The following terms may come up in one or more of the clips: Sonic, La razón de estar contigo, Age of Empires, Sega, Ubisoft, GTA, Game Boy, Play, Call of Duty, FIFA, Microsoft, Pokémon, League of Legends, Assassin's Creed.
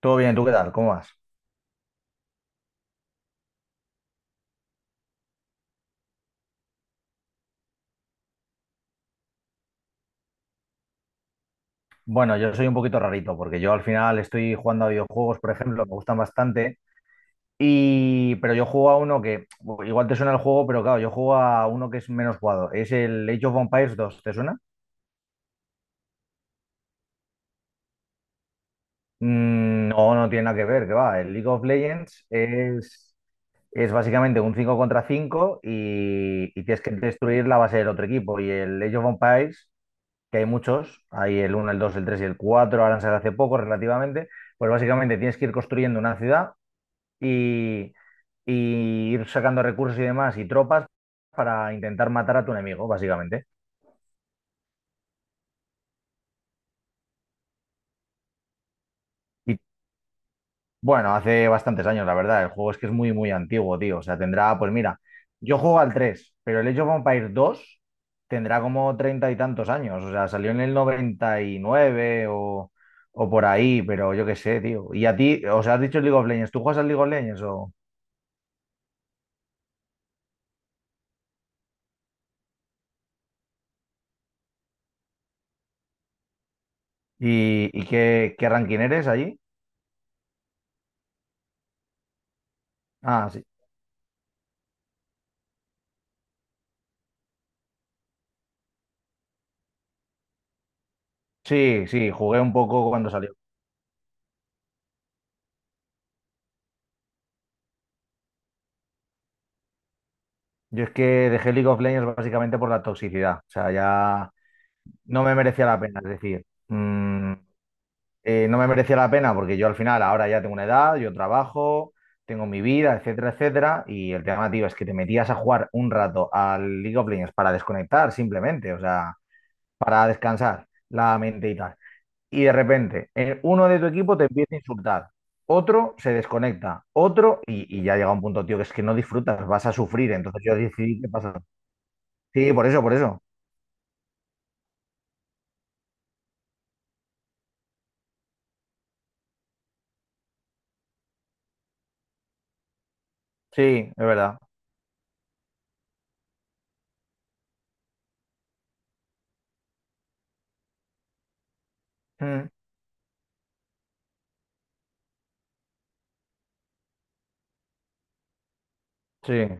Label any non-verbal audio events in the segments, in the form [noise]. Todo bien, ¿tú qué tal? ¿Cómo vas? Bueno, yo soy un poquito rarito porque yo al final estoy jugando a videojuegos, por ejemplo, me gustan bastante, pero yo juego a uno que igual te suena el juego, pero claro, yo juego a uno que es menos jugado. Es el Age of Empires 2, ¿te suena? Mm, no, no tiene nada que ver, que va. El League of Legends es básicamente un 5 contra 5 y tienes que destruir la base del otro equipo. Y el Age of Empires, que hay muchos, hay el uno, el dos, el 3 y el cuatro, ahora han salido hace poco relativamente, pues básicamente tienes que ir construyendo una ciudad y, y ir sacando recursos y demás y tropas para intentar matar a tu enemigo, básicamente. Y Bueno, hace bastantes años, la verdad. El juego es que es muy, muy antiguo, tío. O sea, tendrá, pues mira, yo juego al 3, pero el Age of Empires dos tendrá como 30 y tantos años. O sea, salió en el 99 o por ahí, pero yo qué sé, tío. Y a ti, o sea, has dicho League of Legends. ¿Tú juegas al League of Legends o...? ¿Y qué, qué ranking eres allí? Ah, sí. Sí, sí, jugué un poco cuando salió. Yo es que dejé League of Legends básicamente por la toxicidad. O sea, ya no me merecía la pena. Es decir, no me merecía la pena porque yo al final ahora ya tengo una edad, yo trabajo, tengo mi vida, etcétera, etcétera. Y el tema, tío, es que te metías a jugar un rato al League of Legends para desconectar simplemente, o sea, para descansar la mente y tal. Y de repente, uno de tu equipo te empieza a insultar, otro se desconecta, otro, y ya llega un punto, tío, que es que no disfrutas, vas a sufrir. Entonces yo decidí qué pasa. Sí, por eso, por eso. Sí, es verdad. Mm, sí.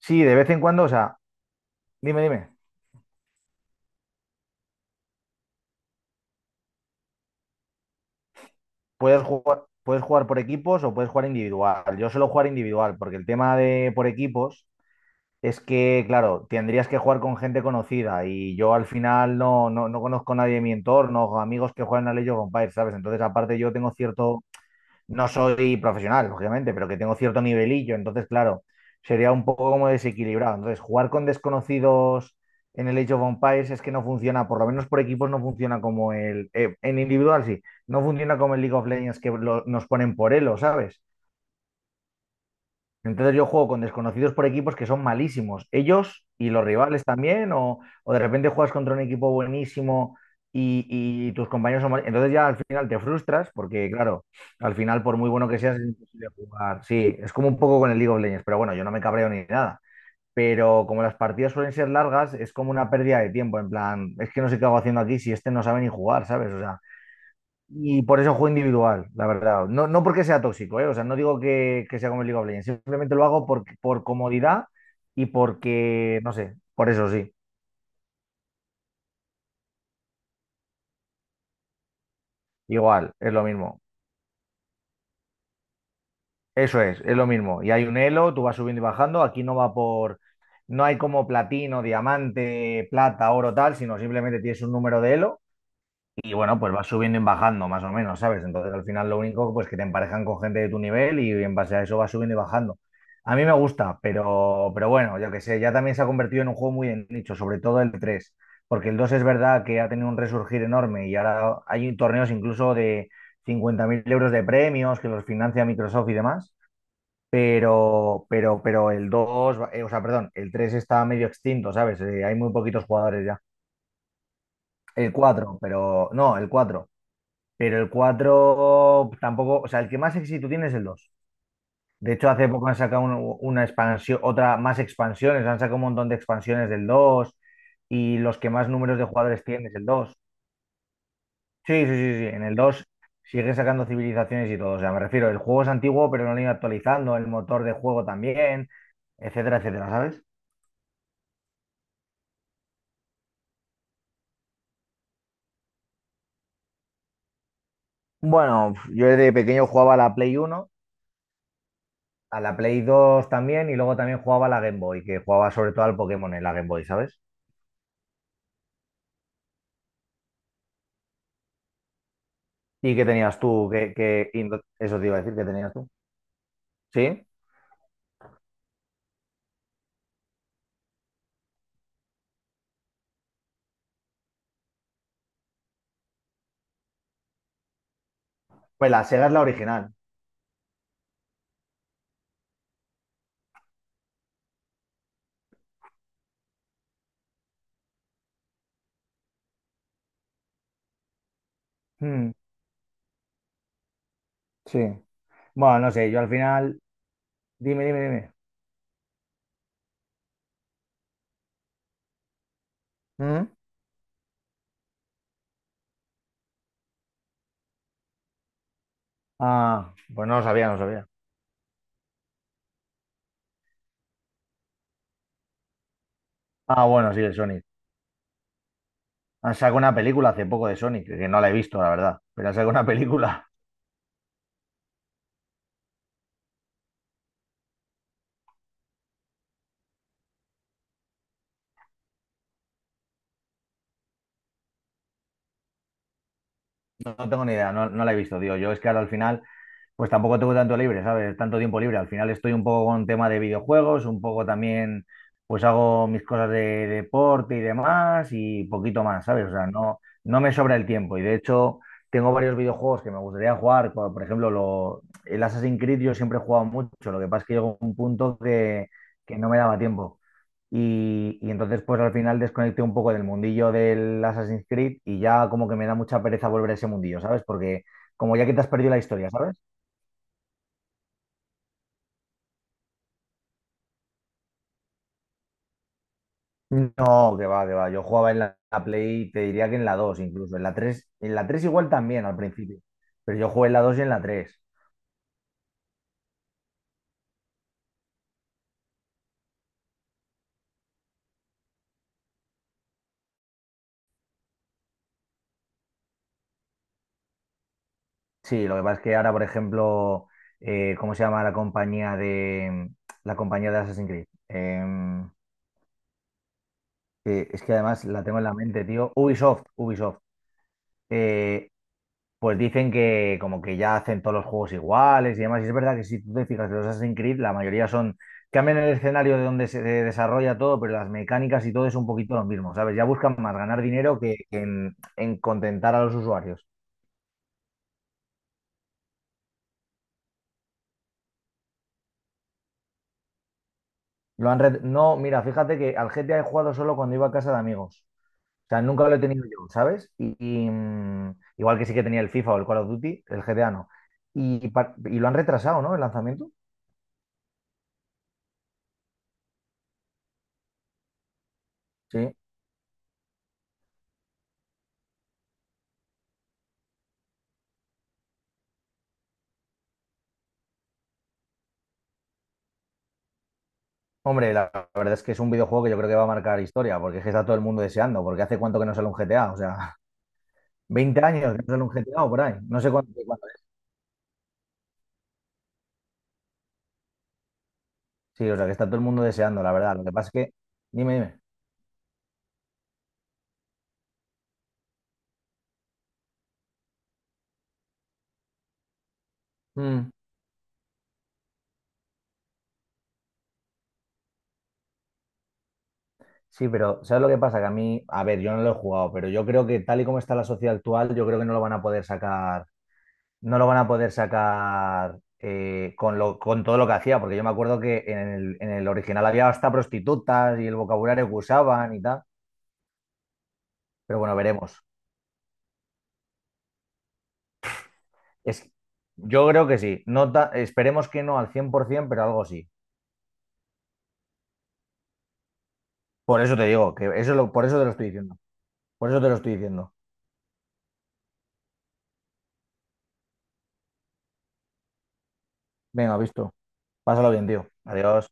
Sí, de vez en cuando, o sea, dime, dime. Puedes jugar por equipos o puedes jugar individual. Yo suelo jugar individual porque el tema de por equipos es que, claro, tendrías que jugar con gente conocida y yo al final no conozco a nadie de mi entorno, amigos que juegan a Age of Empires, ¿sabes? Entonces, aparte, yo tengo cierto, no soy profesional, lógicamente, pero que tengo cierto nivelillo, entonces, claro, sería un poco como desequilibrado. Entonces, jugar con desconocidos en el Age of Empires es que no funciona, por lo menos por equipos no funciona como en individual sí, no funciona como el League of Legends que nos ponen por elo, ¿sabes? Entonces yo juego con desconocidos por equipos que son malísimos, ellos y los rivales también, o de repente juegas contra un equipo buenísimo y, y tus compañeros son Entonces ya al final te frustras porque, claro, al final por muy bueno que seas es imposible jugar. Sí, es como un poco con el League of Legends, pero bueno, yo no me cabreo ni nada. Pero como las partidas suelen ser largas, es como una pérdida de tiempo, en plan, es que no sé qué hago haciendo aquí si este no sabe ni jugar, ¿sabes? O sea, y por eso juego individual, la verdad. No, no porque sea tóxico, ¿eh? O sea, no digo que sea como el League of Legends. Simplemente lo hago por comodidad y porque, no sé, por eso sí. Igual, es lo mismo. Eso es lo mismo. Y hay un elo, tú vas subiendo y bajando. Aquí no va por... No hay como platino, diamante, plata, oro, tal, sino simplemente tienes un número de elo. Y bueno, pues vas subiendo y bajando, más o menos, ¿sabes? Entonces al final lo único pues que te emparejan con gente de tu nivel y en base a eso vas subiendo y bajando. A mí me gusta, pero bueno, yo que sé, ya también se ha convertido en un juego muy de nicho, sobre todo el 3 porque el 2 es verdad que ha tenido un resurgir enorme y ahora hay torneos incluso de 50.000 euros de premios que los financia Microsoft y demás, pero el dos, o sea, perdón, el 3 está medio extinto, ¿sabes? Hay muy poquitos jugadores ya. El cuatro, pero no, el cuatro, pero el 4 tampoco, o sea, el que más éxito tiene es el dos. De hecho, hace poco han sacado una expansión, otra más, expansiones, han sacado un montón de expansiones del 2 y los que más números de jugadores tienen es el dos. Sí, sí, sí, sí, en el 2 sigue sacando civilizaciones y todo. O sea, me refiero, el juego es antiguo, pero no lo han ido actualizando, el motor de juego también, etcétera, etcétera, ¿sabes? Bueno, yo de pequeño jugaba a la Play uno, a la Play 2 también y luego también jugaba a la Game Boy, que jugaba sobre todo al Pokémon en la Game Boy, ¿sabes? ¿Y qué tenías tú? ¿Qué, eso te iba a decir, qué tenías tú? ¿Sí? Pues la Sega es la original. Mm, sí. Bueno, no sé, yo al final. Dime, dime, dime. ¿Mm? Ah, pues no lo sabía, no lo sabía. Ah, bueno, sí, el Sonic. Han sacado una película hace poco de Sonic, que no la he visto, la verdad. Pero han sacado una [laughs] película. No, no tengo ni idea, no, no la he visto, tío. Yo es que ahora al final pues tampoco tengo tanto libre, ¿sabes? Tanto tiempo libre. Al final estoy un poco con tema de videojuegos, un poco también, pues hago mis cosas de, deporte y demás y poquito más, ¿sabes? O sea, no, no me sobra el tiempo y de hecho tengo varios videojuegos que me gustaría jugar, como, por ejemplo, el Assassin's Creed yo siempre he jugado mucho, lo que pasa es que llegó un punto que no me daba tiempo. Entonces pues al final desconecté un poco del mundillo del Assassin's Creed y ya como que me da mucha pereza volver a ese mundillo, ¿sabes? Porque como ya que te has perdido la historia, ¿sabes? No, que va, que va. Yo jugaba en la Play, te diría que en la 2, incluso. En la 3 igual también al principio. Pero yo jugué en la dos y en la 3. Sí, lo que pasa es que ahora, por ejemplo, ¿cómo se llama la compañía de Assassin's Creed? Que es que además la tengo en la mente, tío. Ubisoft, Ubisoft. Eh, Pues dicen que como que ya hacen todos los juegos iguales y demás. Y es verdad que si tú te fijas de los Assassin's Creed, la mayoría son, cambian el escenario de donde se desarrolla todo, pero las mecánicas y todo es un poquito lo mismo, ¿sabes? Ya buscan más ganar dinero que en contentar a los usuarios. Lo han no, mira, fíjate que al GTA he jugado solo cuando iba a casa de amigos. O sea, nunca lo he tenido yo, ¿sabes? Igual que sí que tenía el FIFA o el Call of Duty, el GTA no. Y, y lo han retrasado, ¿no? El lanzamiento. Sí. Hombre, la verdad es que es un videojuego que yo creo que va a marcar historia, porque es que está todo el mundo deseando, porque hace cuánto que no sale un GTA, o sea, [laughs] 20 años que no sale un GTA o por ahí, no sé cuánto, cuánto es. Sí, o sea, que está todo el mundo deseando, la verdad. Lo que pasa es que, dime, dime. Mm, sí, pero ¿sabes lo que pasa? Que a mí, a ver, yo no lo he jugado, pero yo creo que tal y como está la sociedad actual, yo creo que no lo van a poder sacar, no lo van a poder sacar, con lo, con todo lo que hacía, porque yo me acuerdo que en el original había hasta prostitutas y el vocabulario que usaban y tal, pero bueno, veremos. Es, yo creo que sí. No esperemos que no al 100%, pero algo sí. Por eso te digo, que eso es lo, por eso te lo estoy diciendo. Por eso te lo estoy diciendo. Venga, visto. Pásalo bien, tío. Adiós.